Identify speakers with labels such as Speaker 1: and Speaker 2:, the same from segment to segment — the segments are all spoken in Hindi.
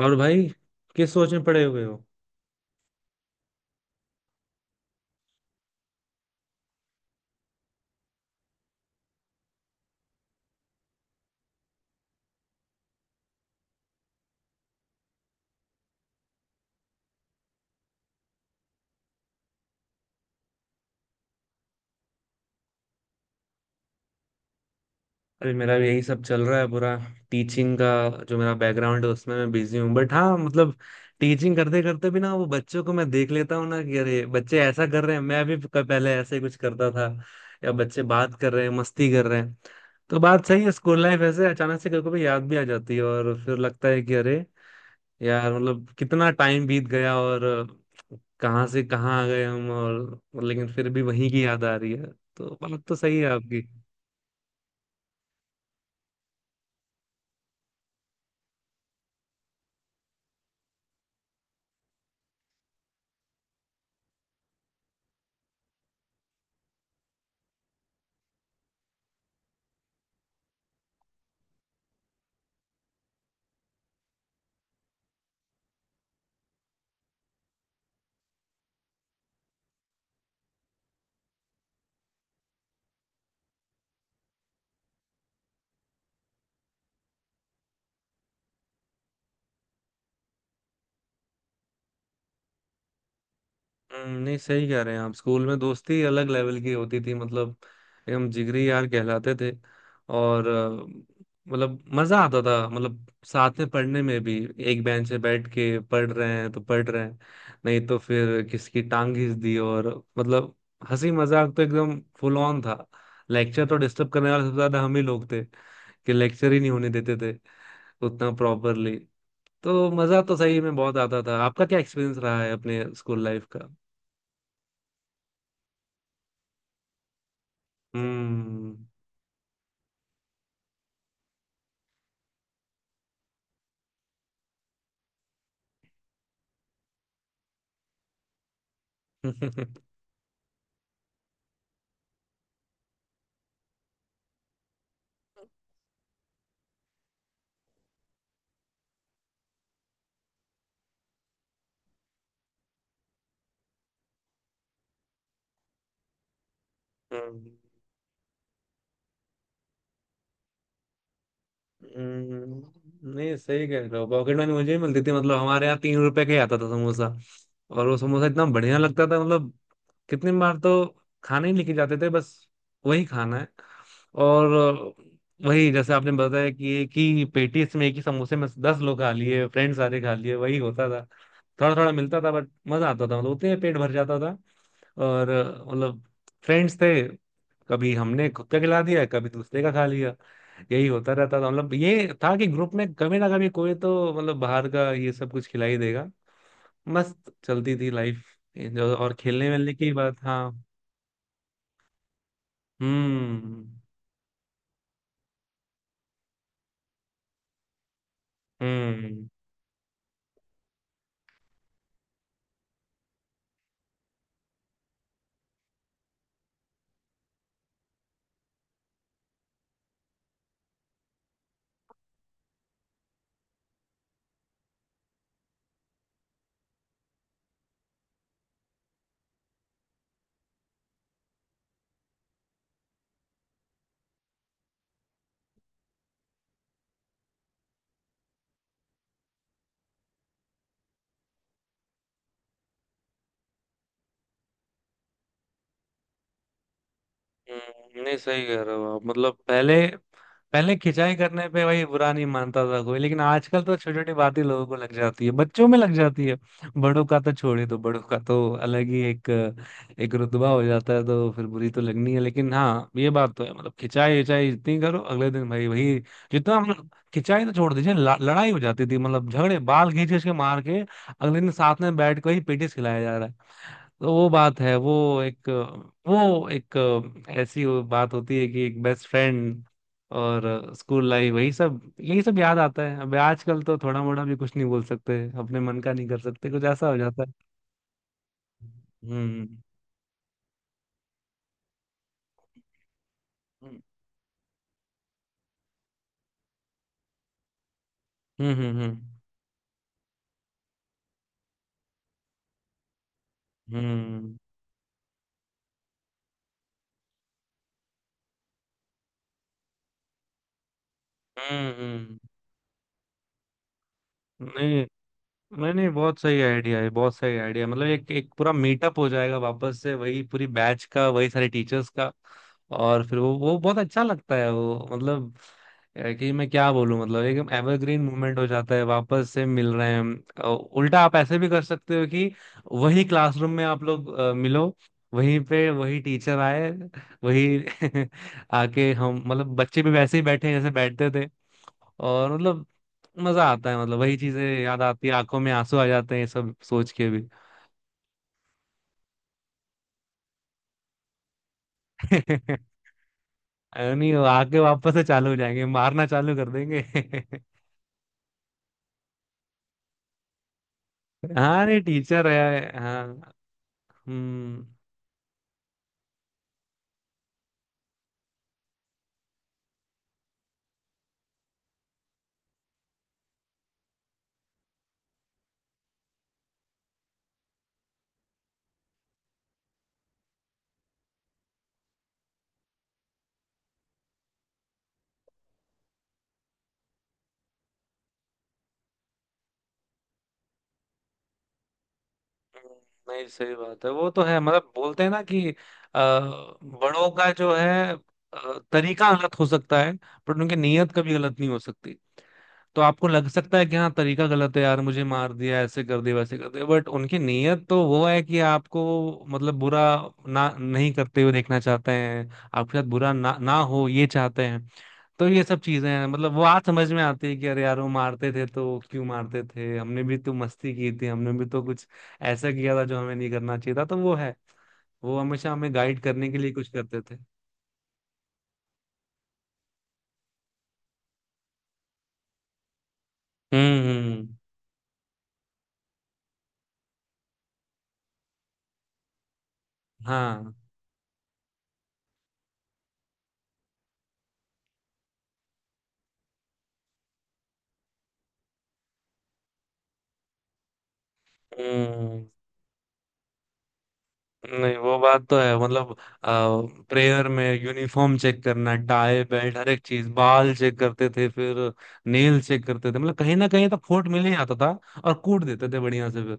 Speaker 1: और भाई किस सोच में पड़े हुए हो? अरे, मेरा भी यही सब चल रहा है। पूरा टीचिंग का जो मेरा बैकग्राउंड है उसमें मैं बिजी हूँ, बट हाँ मतलब टीचिंग करते करते भी ना, वो बच्चों को मैं देख लेता हूँ ना, कि अरे बच्चे ऐसा कर रहे हैं, मैं भी पहले ऐसे ही कुछ करता था, या बच्चे बात कर रहे हैं, मस्ती कर रहे हैं। तो बात सही है, स्कूल लाइफ ऐसे अचानक से कभी कभी याद भी आ जाती है, और फिर लगता है कि अरे यार मतलब कितना टाइम बीत गया, और कहाँ से कहाँ आ गए हम, और लेकिन फिर भी वहीं की याद आ रही है, तो बात तो सही है आपकी। नहीं सही कह रहे हैं आप, स्कूल में दोस्ती अलग लेवल की होती थी, मतलब एकदम जिगरी यार कहलाते थे। और मतलब मजा आता था मतलब, साथ में पढ़ने में भी एक बेंच पे बैठ के पढ़ रहे हैं तो पढ़ रहे हैं, नहीं तो फिर किसकी टांग घिस दी, और मतलब हंसी मजाक तो एकदम फुल ऑन था। लेक्चर तो डिस्टर्ब करने वाले सबसे ज्यादा हम ही लोग थे, कि लेक्चर ही नहीं होने देते थे उतना प्रॉपरली। तो मजा तो सही में बहुत आता था। आपका क्या एक्सपीरियंस रहा है अपने स्कूल लाइफ का? हम्म। हम्म। नहीं सही कह रहे हो, पॉकेट मनी मुझे भी मिलती थी। मतलब हमारे यहाँ तीन रुपए का ही आता था समोसा, और वो समोसा इतना बढ़िया लगता था मतलब, कितनी बार तो खाने ही लेके जाते थे बस, वही खाना है। और वही जैसे आपने बताया कि एक ही पेटी इसमें, एक ही समोसे में दस लोग खा लिए, फ्रेंड्स सारे खा लिए, वही होता था। थोड़ा थोड़ा मिलता था बट मजा आता था, मतलब उतने में पेट भर जाता था। और मतलब फ्रेंड्स थे, कभी हमने खुद का खिला दिया कभी दूसरे का खा लिया, यही होता रहता था। मतलब ये था कि ग्रुप में कभी ना कभी कोई तो मतलब बाहर का ये सब कुछ खिलाई देगा। मस्त चलती थी लाइफ। और खेलने वेलने की बात, हाँ। हम्म। हम्म। नहीं सही कह रहे हो आप, मतलब पहले पहले खिंचाई करने पे भाई बुरा नहीं मानता था कोई, लेकिन आजकल तो छोटी छोटी बात ही लोगों को लग जाती है, बच्चों में लग जाती है, बड़ों का तो छोड़ ही दो। बड़ों का तो अलग ही एक एक रुतबा हो जाता है, तो फिर बुरी तो लगनी है। लेकिन हाँ ये बात तो है मतलब खिंचाई विंचाई जितनी करो, अगले दिन भाई वही। जितना हम खिंचाई तो छोड़ दीजिए, लड़ाई हो जाती थी, मतलब झगड़े, बाल खींच खींच के मार के अगले दिन साथ में बैठ के ही पेटिस खिलाया जा रहा है। तो वो बात है, एक वो एक ऐसी वो बात होती है कि एक बेस्ट फ्रेंड। और स्कूल लाइफ वही सब, यही सब याद आता है। अब आजकल तो थोड़ा मोड़ा भी कुछ नहीं बोल सकते, अपने मन का नहीं कर सकते, कुछ ऐसा हो जाता है। हम्म। हम्म। हम्म। हम्म। हम्म। हम्म। नहीं। नहीं, बहुत सही आइडिया है, बहुत सही आइडिया। मतलब एक एक पूरा मीटअप हो जाएगा वापस से, वही पूरी बैच का, वही सारे टीचर्स का। और फिर वो बहुत अच्छा लगता है वो मतलब, कि मैं क्या बोलूं, मतलब एकदम एवरग्रीन मूवमेंट हो जाता है, वापस से मिल रहे हैं हम। उल्टा आप ऐसे भी कर सकते हो कि वही क्लासरूम में आप लोग मिलो, वहीं पे वही टीचर आए, वही आके हम मतलब बच्चे भी वैसे ही बैठे हैं जैसे बैठते थे। और मतलब मजा आता है, मतलब वही चीजें याद आती है, आंखों में आंसू आ जाते हैं ये सब सोच के भी। अरे नहीं, वो आके वापस से चालू हो जाएंगे, मारना चालू कर देंगे। हाँ नहीं, टीचर है, हाँ। हम्म, नहीं सही बात है, वो तो है मतलब। बोलते हैं ना कि बड़ों का जो है तरीका गलत हो सकता है, पर उनकी नीयत कभी गलत नहीं हो सकती। तो आपको लग सकता है कि हाँ तरीका गलत है यार, मुझे मार दिया, ऐसे कर दिया, वैसे कर दिया, बट उनकी नीयत तो वो है कि आपको मतलब बुरा ना नहीं करते हुए देखना चाहते हैं, आपके साथ बुरा ना ना हो ये चाहते हैं। तो ये सब चीजें हैं मतलब वो आज समझ में आती है कि अरे यार वो मारते थे तो क्यों मारते थे, हमने भी तो मस्ती की थी, हमने भी तो कुछ ऐसा किया था जो हमें नहीं करना चाहिए था। तो वो है, वो हमेशा हमें गाइड करने के लिए कुछ करते थे। हम्म। हाँ। हम्म, नहीं वो बात तो है। मतलब प्रेयर में यूनिफॉर्म चेक करना, टाई बेल्ट हर एक चीज, बाल चेक करते थे, फिर नेल चेक करते थे। मतलब कहीं ना कहीं तो खोट मिल ही जाता था, और कूट देते थे बढ़िया से फिर,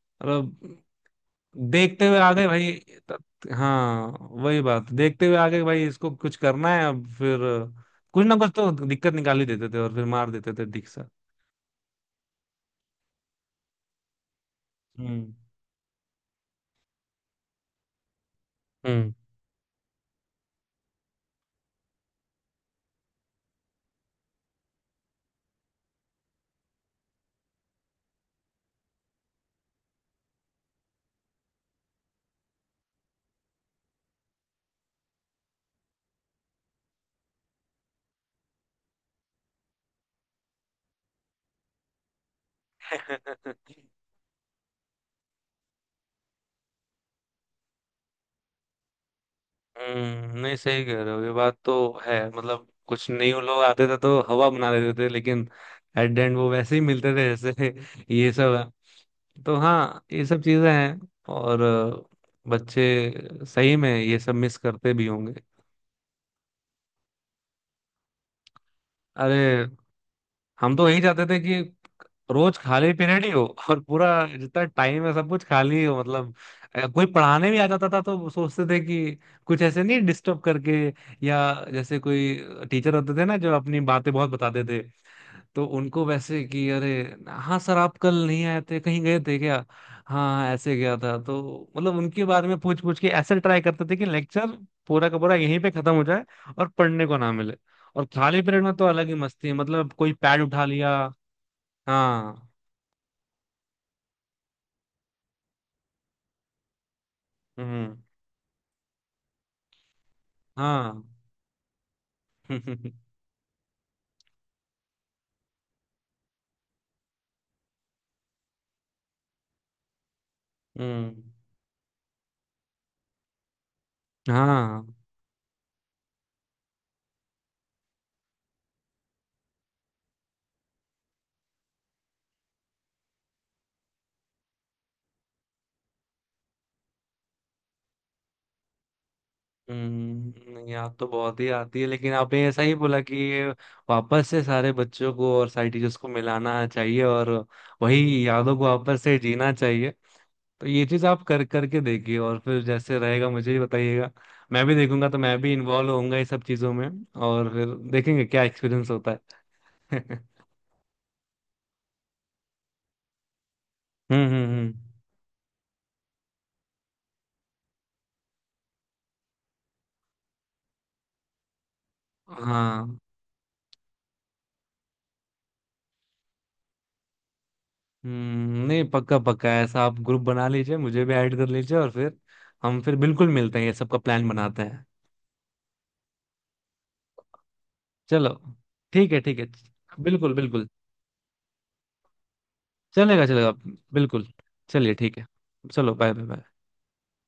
Speaker 1: मतलब देखते हुए आ गए भाई। त- हाँ, वही बात, देखते हुए आ गए भाई, इसको कुछ करना है अब फिर। कुछ ना कुछ तो दिक्कत निकाल ही देते थे और फिर मार देते थे ठीक से। हम्म। हम्म। हम्म, नहीं सही कह रहे हो, ये बात तो है। मतलब कुछ न्यू लोग आते थे तो हवा बना देते थे, लेकिन एट द एंड वो वैसे ही मिलते थे जैसे ये सब है। तो हाँ ये सब चीजें हैं। और बच्चे सही में ये सब मिस करते भी होंगे। अरे हम तो यही चाहते थे कि रोज खाली पीरियड ही हो, और पूरा जितना टाइम है सब कुछ खाली ही हो। मतलब कोई पढ़ाने भी आ जाता था तो सोचते थे कि कुछ ऐसे नहीं डिस्टर्ब करके, या जैसे कोई टीचर होते थे ना जो अपनी बातें बहुत बताते थे, तो उनको वैसे कि अरे हाँ सर, आप कल नहीं आए थे, कहीं गए थे क्या, हाँ ऐसे गया था, तो मतलब उनके बारे में पूछ पूछ के ऐसे ट्राई करते थे कि लेक्चर पूरा का पूरा यहीं पे खत्म हो जाए और पढ़ने को ना मिले। और खाली पीरियड में तो अलग ही मस्ती है, मतलब कोई पैड उठा लिया। हाँ। हम्म। हाँ। हम्म। हाँ। हम्म, याद तो बहुत ही आती है, लेकिन आपने ऐसा ही बोला कि ये वापस से सारे बच्चों को और सारे टीचर्स को मिलाना चाहिए, और वही यादों को वापस से जीना चाहिए, तो ये चीज आप कर करके देखिए और फिर जैसे रहेगा मुझे भी बताइएगा, मैं भी देखूंगा, तो मैं भी इन्वॉल्व होऊंगा ये सब चीजों में, और फिर देखेंगे क्या एक्सपीरियंस होता है। हम्म। हम्म। हम्म। हाँ। हम्म, नहीं पक्का, पक्का ऐसा आप ग्रुप बना लीजिए, मुझे भी ऐड कर लीजिए, और फिर हम फिर बिल्कुल मिलते हैं, ये सब का प्लान बनाते हैं। चलो ठीक है, ठीक है। बिल्कुल, बिल्कुल। चलेगा चलेगा। बिल्कुल। चलिए ठीक है, चलो बाय बाय बाय।